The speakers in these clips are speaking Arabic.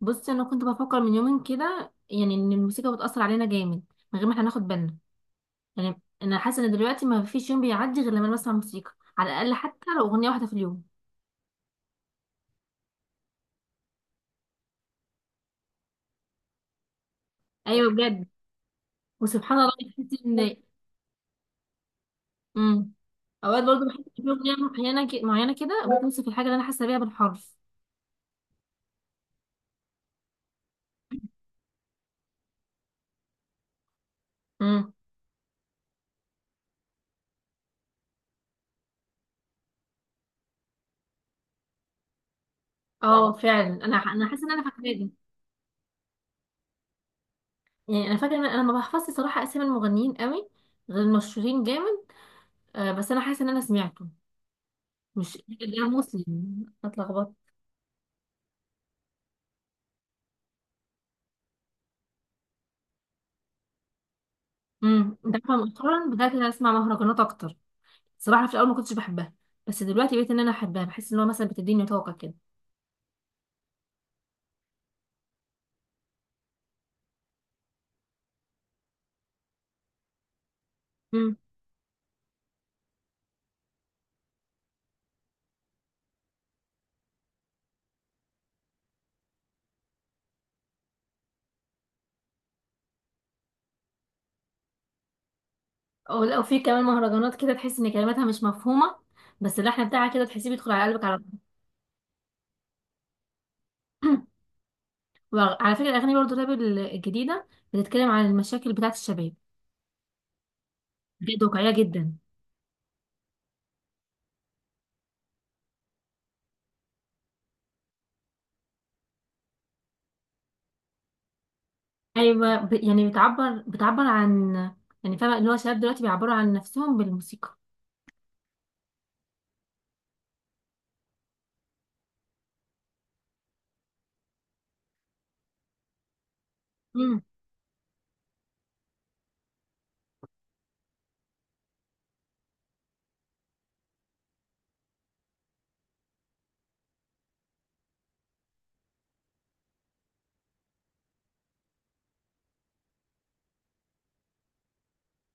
بصي، انا كنت بفكر من يومين كده، يعني ان الموسيقى بتأثر علينا جامد من غير ما احنا ناخد بالنا. يعني انا حاسه ان دلوقتي ما فيش يوم بيعدي غير لما أنا بسمع موسيقى، على الاقل حتى لو اغنيه واحده في اليوم. ايوه، بجد، وسبحان الله. تحسي ان امم اوقات برضه بحس ان في اغنيه معينه معينه كده بتوصف الحاجه اللي انا حاسه بيها بالحرف. امم اه فعلا، انا حاسه ان انا فاكره دي. يعني انا فاكره ان انا ما بحفظش صراحه اسامي المغنيين قوي، غير المشهورين جامد. آه، بس انا حاسه ان انا سمعته. مش ده مسلم؟ اتلخبطت. انت عارفه، مؤخرا بدات ان انا اسمع مهرجانات اكتر. صراحه في الاول ما كنتش بحبها، بس دلوقتي بقيت ان انا احبها. بحس ان هو مثلا بتديني طاقه كده. امم او لو في كمان مهرجانات كده، تحس ان كلماتها مش مفهومه، بس اللحن بتاعها كده تحسيه بيدخل على قلبك على طول. وعلى فكره، الاغاني برضو الراب الجديده بتتكلم عن المشاكل بتاعه الشباب، بجد واقعيه جدا. يعني بتعبر، بتعبر عن، يعني فاهمه، اللي هو شباب دلوقتي بيعبروا عن نفسهم بالموسيقى.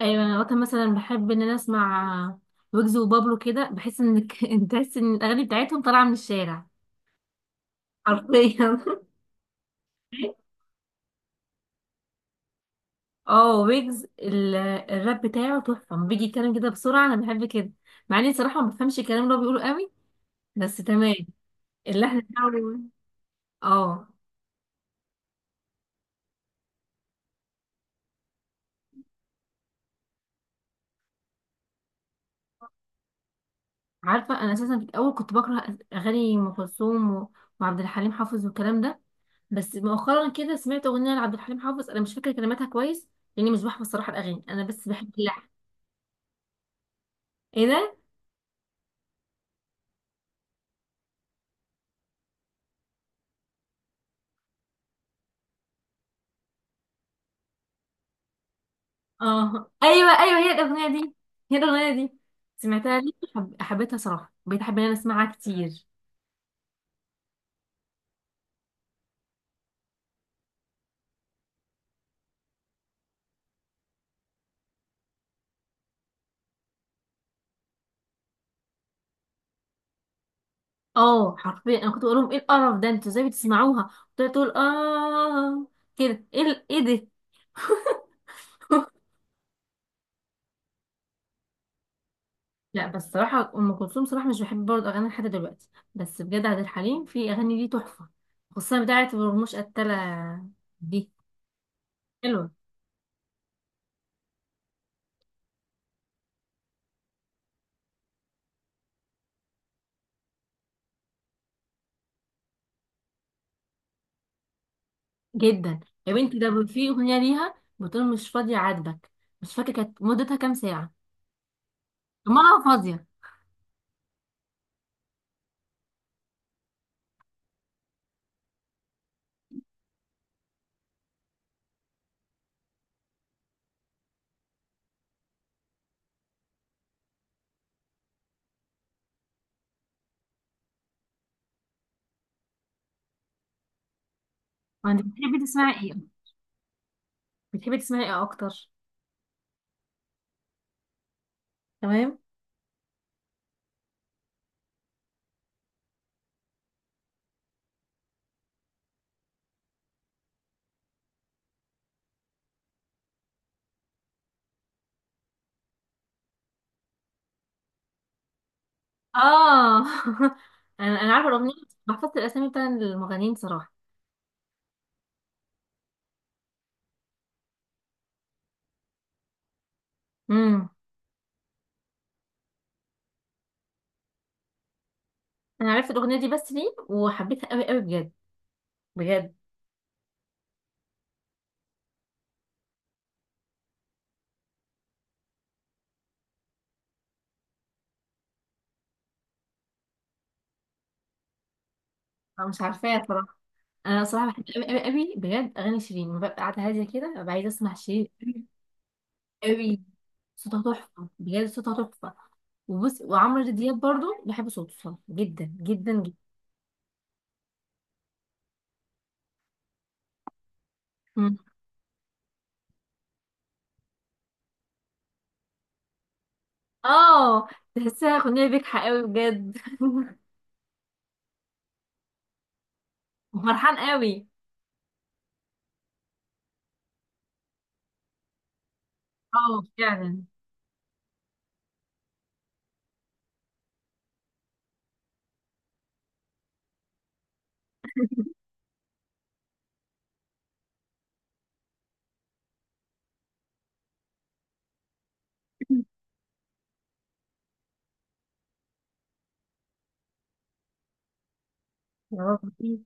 ايوه، انا وقتها مثلا بحب ان انا اسمع ويجز وبابلو كده. بحس انك انت تحس ان الاغاني بتاعتهم طالعه من الشارع حرفيا. اه، ويجز الراب بتاعه تحفه لما بيجي يتكلم كده بسرعه، انا بحب كده، مع اني صراحه ما بفهمش الكلام اللي هو بيقوله قوي، بس تمام اللحن بتاعه. اه، عارفه، انا اساسا في الاول كنت بكره اغاني ام كلثوم وعبد الحليم حافظ والكلام ده، بس مؤخرا كده سمعت اغنيه لعبد الحليم حافظ، انا مش فاكره كلماتها كويس لاني مش بحفظ صراحه الاغاني، انا بس بحب اللحن. ايه ده؟ اه ايوه ايوه، هي الاغنيه دي، هي الاغنيه دي سمعتها ليه، حبيتها صراحه، بقيت احب ان انا اسمعها كتير. اه حرفيا، انا كنت بقول لهم ايه القرف ده؟ انتوا ازاي بتسمعوها؟ كنت تقول اه كده، ايه ايه ده؟ لا بس صراحه ام كلثوم صراحه مش بحب برضه اغاني لحد دلوقتي، بس بجد عبد الحليم في اغاني ليه تحفه، خصوصا بتاعه ورموش قتله دي، حلوه جدا. يا بنتي، ده في اغنيه ليها بتقول مش فاضيه عاتبك، مش فاكره كانت مدتها كام ساعه. دماغها فاضية. ما انت بتحبي تسمعي ايه؟ بتحبي تسمعي ايه اكتر؟ تمام. اه انا عارفة الاغنية، بس بحفظت الاسامي بتاع المغنيين صراحة. امم انا عرفت الاغنية دي بس ليه، وحبيتها قوي قوي بجد بجد. انا مش عارفاها صراحة. انا صراحة بحب قوي قوي قوي بجد اغاني شيرين. لما ببقى قاعدة هادية كده ببقى عايزة اسمع شيرين قوي قوي. صوتها تحفة بجد، صوتها تحفة. وبص، وعمرو دياب برضو بحب صوته صراحة، جدا جدا جدا. مم. اه، تحسها اغنية بجحة قوي بجد وفرحان قوي. اه فعلا. برافو عليك.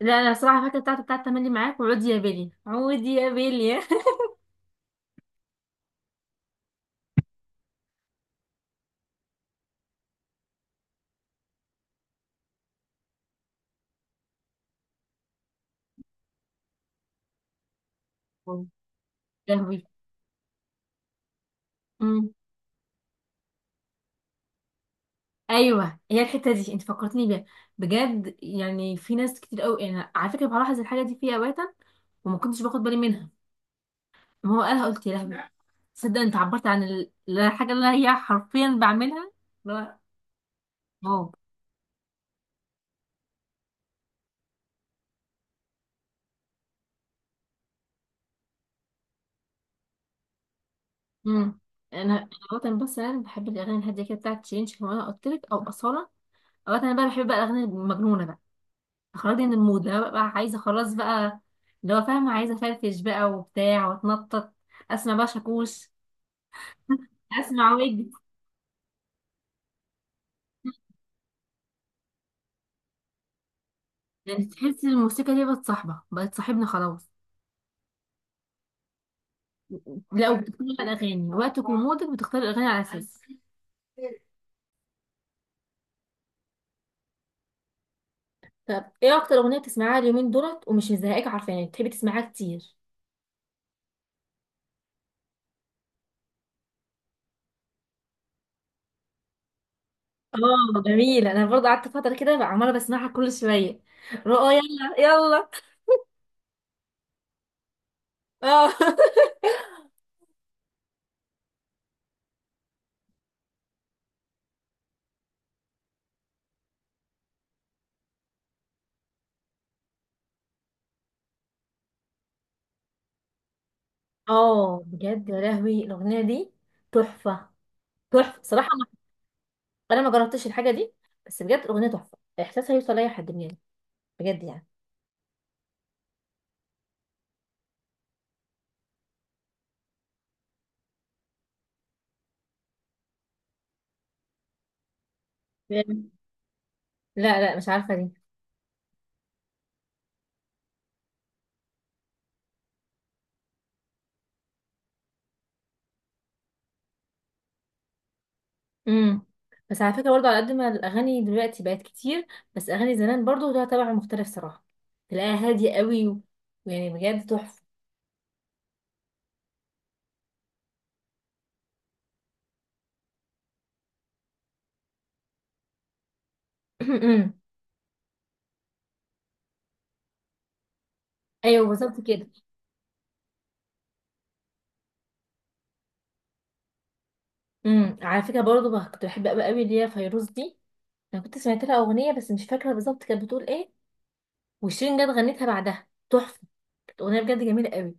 لا انا الصراحه فاكره بتاعته، بتاعت تملي معاك، وعود يا بيلي، عود يا بيلي. آه. لهوي. امم ايوه، هي الحته دي انت فكرتني بيها، بجد. يعني في ناس كتير قوي، انا على فكره بلاحظ الحاجه دي فيا اوقاتا، وما كنتش باخد بالي منها. ما هو قالها قلت يا لهوي، تصدق انت عبرت عن الحاجه اللي هي حرفيا بعملها؟ اللي هو، واو. امم انا وطن، بس انا بحب الاغاني الهاديه كده بتاعت تشينج كمان قلت لك، او اصاله. اوقات انا بقى بحب بقى الاغاني المجنونه بقى، اخرجني من المود، انا بقى عايزه خلاص بقى. لو فاهمه، عايزه افرفش بقى وبتاع واتنطط، اسمع بقى شاكوش. اسمع ويجز. يعني تحسي الموسيقى دي بقت صاحبه، بقت صاحبنا خلاص. لا، وبتختار بقى الاغاني وقتك ومودك، بتختار الاغاني على اساس. طب ايه اكتر اغنيه بتسمعها اليومين دولت ومش مزهقاك، عارفاني بتحبي تسمعها كتير؟ اه جميلة، انا برضه قعدت فتره كده بقى عماله بسمعها كل شويه، رؤى يلا يلا. اه اه بجد، يا لهوي الاغنيه دي تحفه، تحفه صراحه. انا ما جربتش الحاجه دي، بس بجد الاغنيه تحفه، احساسها يوصل لاي حد مننا، بجد يعني. بجد. لا لا مش عارفه دي. امم بس على فكره برضو، على قد ما الاغاني دلوقتي بقت كتير، بس اغاني زمان برضو لها طبع مختلف صراحه، تلاقيها هاديه قوي ويعني بجد تحفه. أمم. ايوه بالظبط كده. على فكره برضو بقى، كنت بحب قوي قوي اللي هي فيروز دي، انا كنت سمعت لها اغنيه بس مش فاكره بالظبط كانت بتقول ايه، وشيرين جت غنتها بعدها تحفه، اغنيه بجد جميله قوي.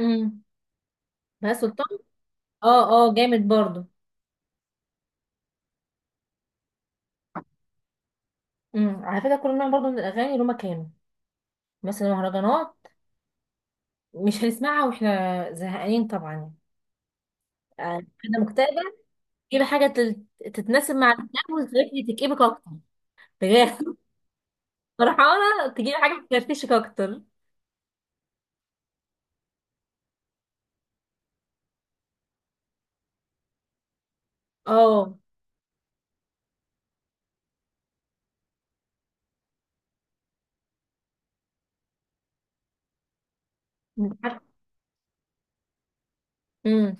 امم بهاء سلطان. اه اه، جامد برضو. على فكره كل نوع برضو من الاغاني له مكانه. مثلا المهرجانات مش هنسمعها واحنا زهقانين طبعا. يعني انا مكتئبه، تجيبي حاجه تتناسب مع الاكتئاب وتخليكي تكئبك اكتر؟ بجد فرحانه تجيبي حاجه تفرفشك اكتر. اه. امم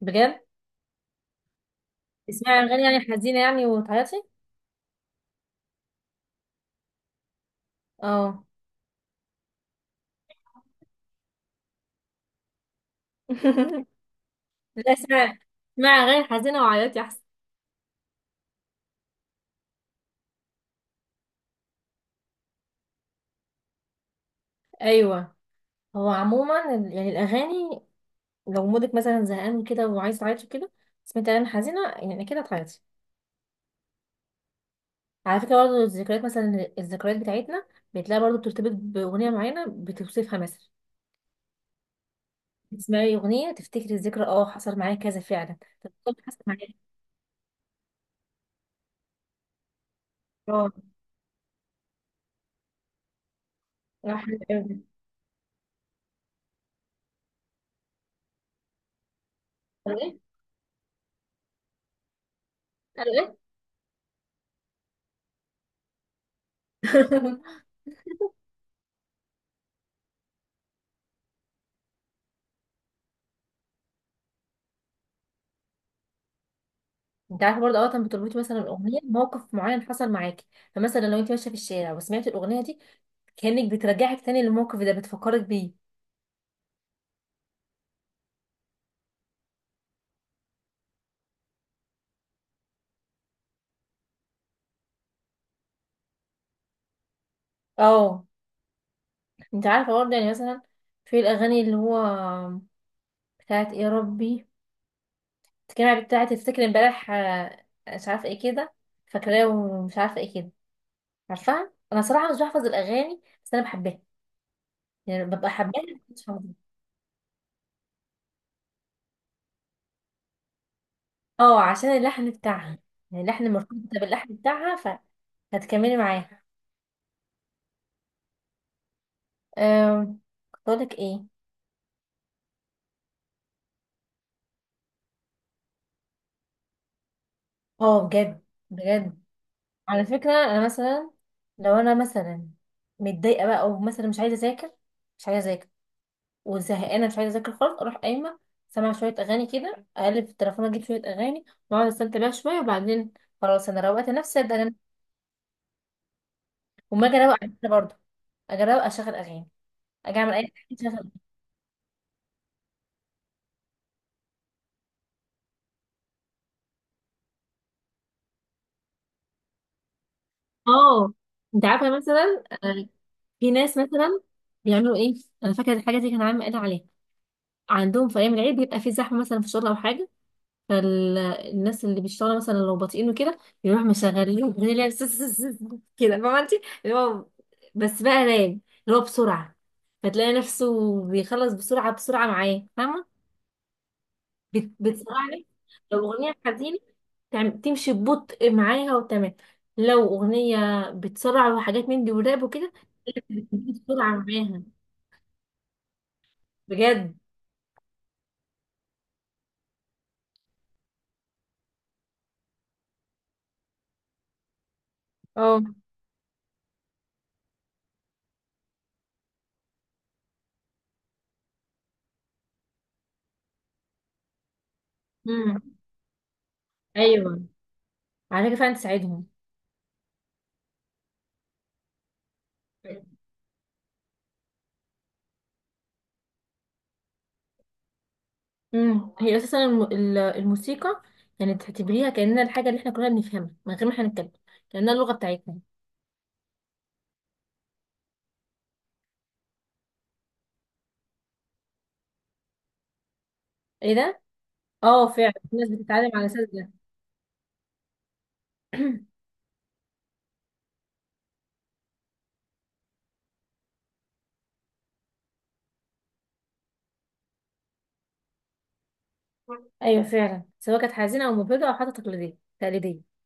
بجد. اسمعي اغاني يعني حزينه يعني وتعيطي. اه لا اسمعي، اسمعي اغاني حزينه وعيطي احسن. ايوه. هو عموما يعني الاغاني، لو مودك مثلا زهقان كده وعايز تعيطي كده، سمعت اغاني حزينه يعني كده هتعيطي. على فكره برضه الذكريات، مثلا الذكريات بتاعتنا بتلاقي برضه بترتبط باغنيه معينه بتوصفها، مثلا تسمعي اغنيه تفتكري الذكرى، اه حصل معايا كذا فعلا. طب، طب حصل معايا. اه. اه حلو قوي. قالوا ايه؟ قالوا ايه؟ انت عارفه برضه، اوقات بتربطي مثلا الاغنيه بموقف معين حصل معاكي، فمثلا لو انت ماشيه في الشارع وسمعتي الاغنيه دي، كانك بترجعك تاني للموقف ده، بتفكرك بيه. اه. انت عارفة برضه، يعني مثلا في الأغاني اللي هو بتاعت إيه يا ربي، كان بتاعت تفتكر امبارح مش عارفة ايه كده، فاكراه ومش عارفة ايه كده. عارفاها، أنا صراحة مش بحفظ الأغاني، بس أنا بحبها، يعني ببقى حباها مش حافظها. اه، عشان اللحن بتاعها، يعني اللحن مرتبطة باللحن بتاعها هتكملي معاها. أم... كنت أقولك ايه؟ اه بجد، بجد. على فكرة أنا مثلا، لو أنا مثلا متضايقة بقى، أو مثلا مش عايزة أذاكر، مش عايزة أذاكر وزهقانه، مش عايزه اذاكر خالص، اروح قايمه سامعه شويه اغاني كده، اقلب في التليفون اجيب شويه اغاني واقعد استمتع بيها شويه، وبعدين خلاص انا روقت نفسي ابدا أنام. وما اجي اروق على نفسي برضه، اجي اروق اشغل اغاني، اجي اعمل اي حاجه اشغل أغاني. اه. انت عارفه مثلا، في ناس مثلا بيعملوا ايه؟ انا فاكره الحاجه دي كان عامل قال عليها، عندهم في ايام العيد بيبقى في زحمه مثلا في الشغل او حاجه، فالناس اللي بيشتغلوا مثلا لو بطيئين وكده، يروح مشغلين اغنيه اللي هي كده، فاهمه انت، اللي هو بس بقى نايم، اللي هو بسرعه، فتلاقي نفسه بيخلص بسرعه بسرعه معاه، فاهمه؟ بتسرعني. لو اغنيه حزينه، تمشي ببطء معاها وتمام، لو اغنيه بتسرع وحاجات من دي وراب وكده، بتجيب بسرعه معاها بجد. اه. امم ايوه، على فكره فعلا تساعدهم. هي اساسا الموسيقى يعني تعتبريها كانها الحاجه اللي احنا كلنا بنفهمها من غير ما احنا نتكلم، كانها اللغه بتاعتنا. ايه ده؟ اه فعلا، الناس بتتعلم على اساس ده. ايوه فعلا، سواء كانت حزينه او مبهجه او حتى تقليديه تقليديه.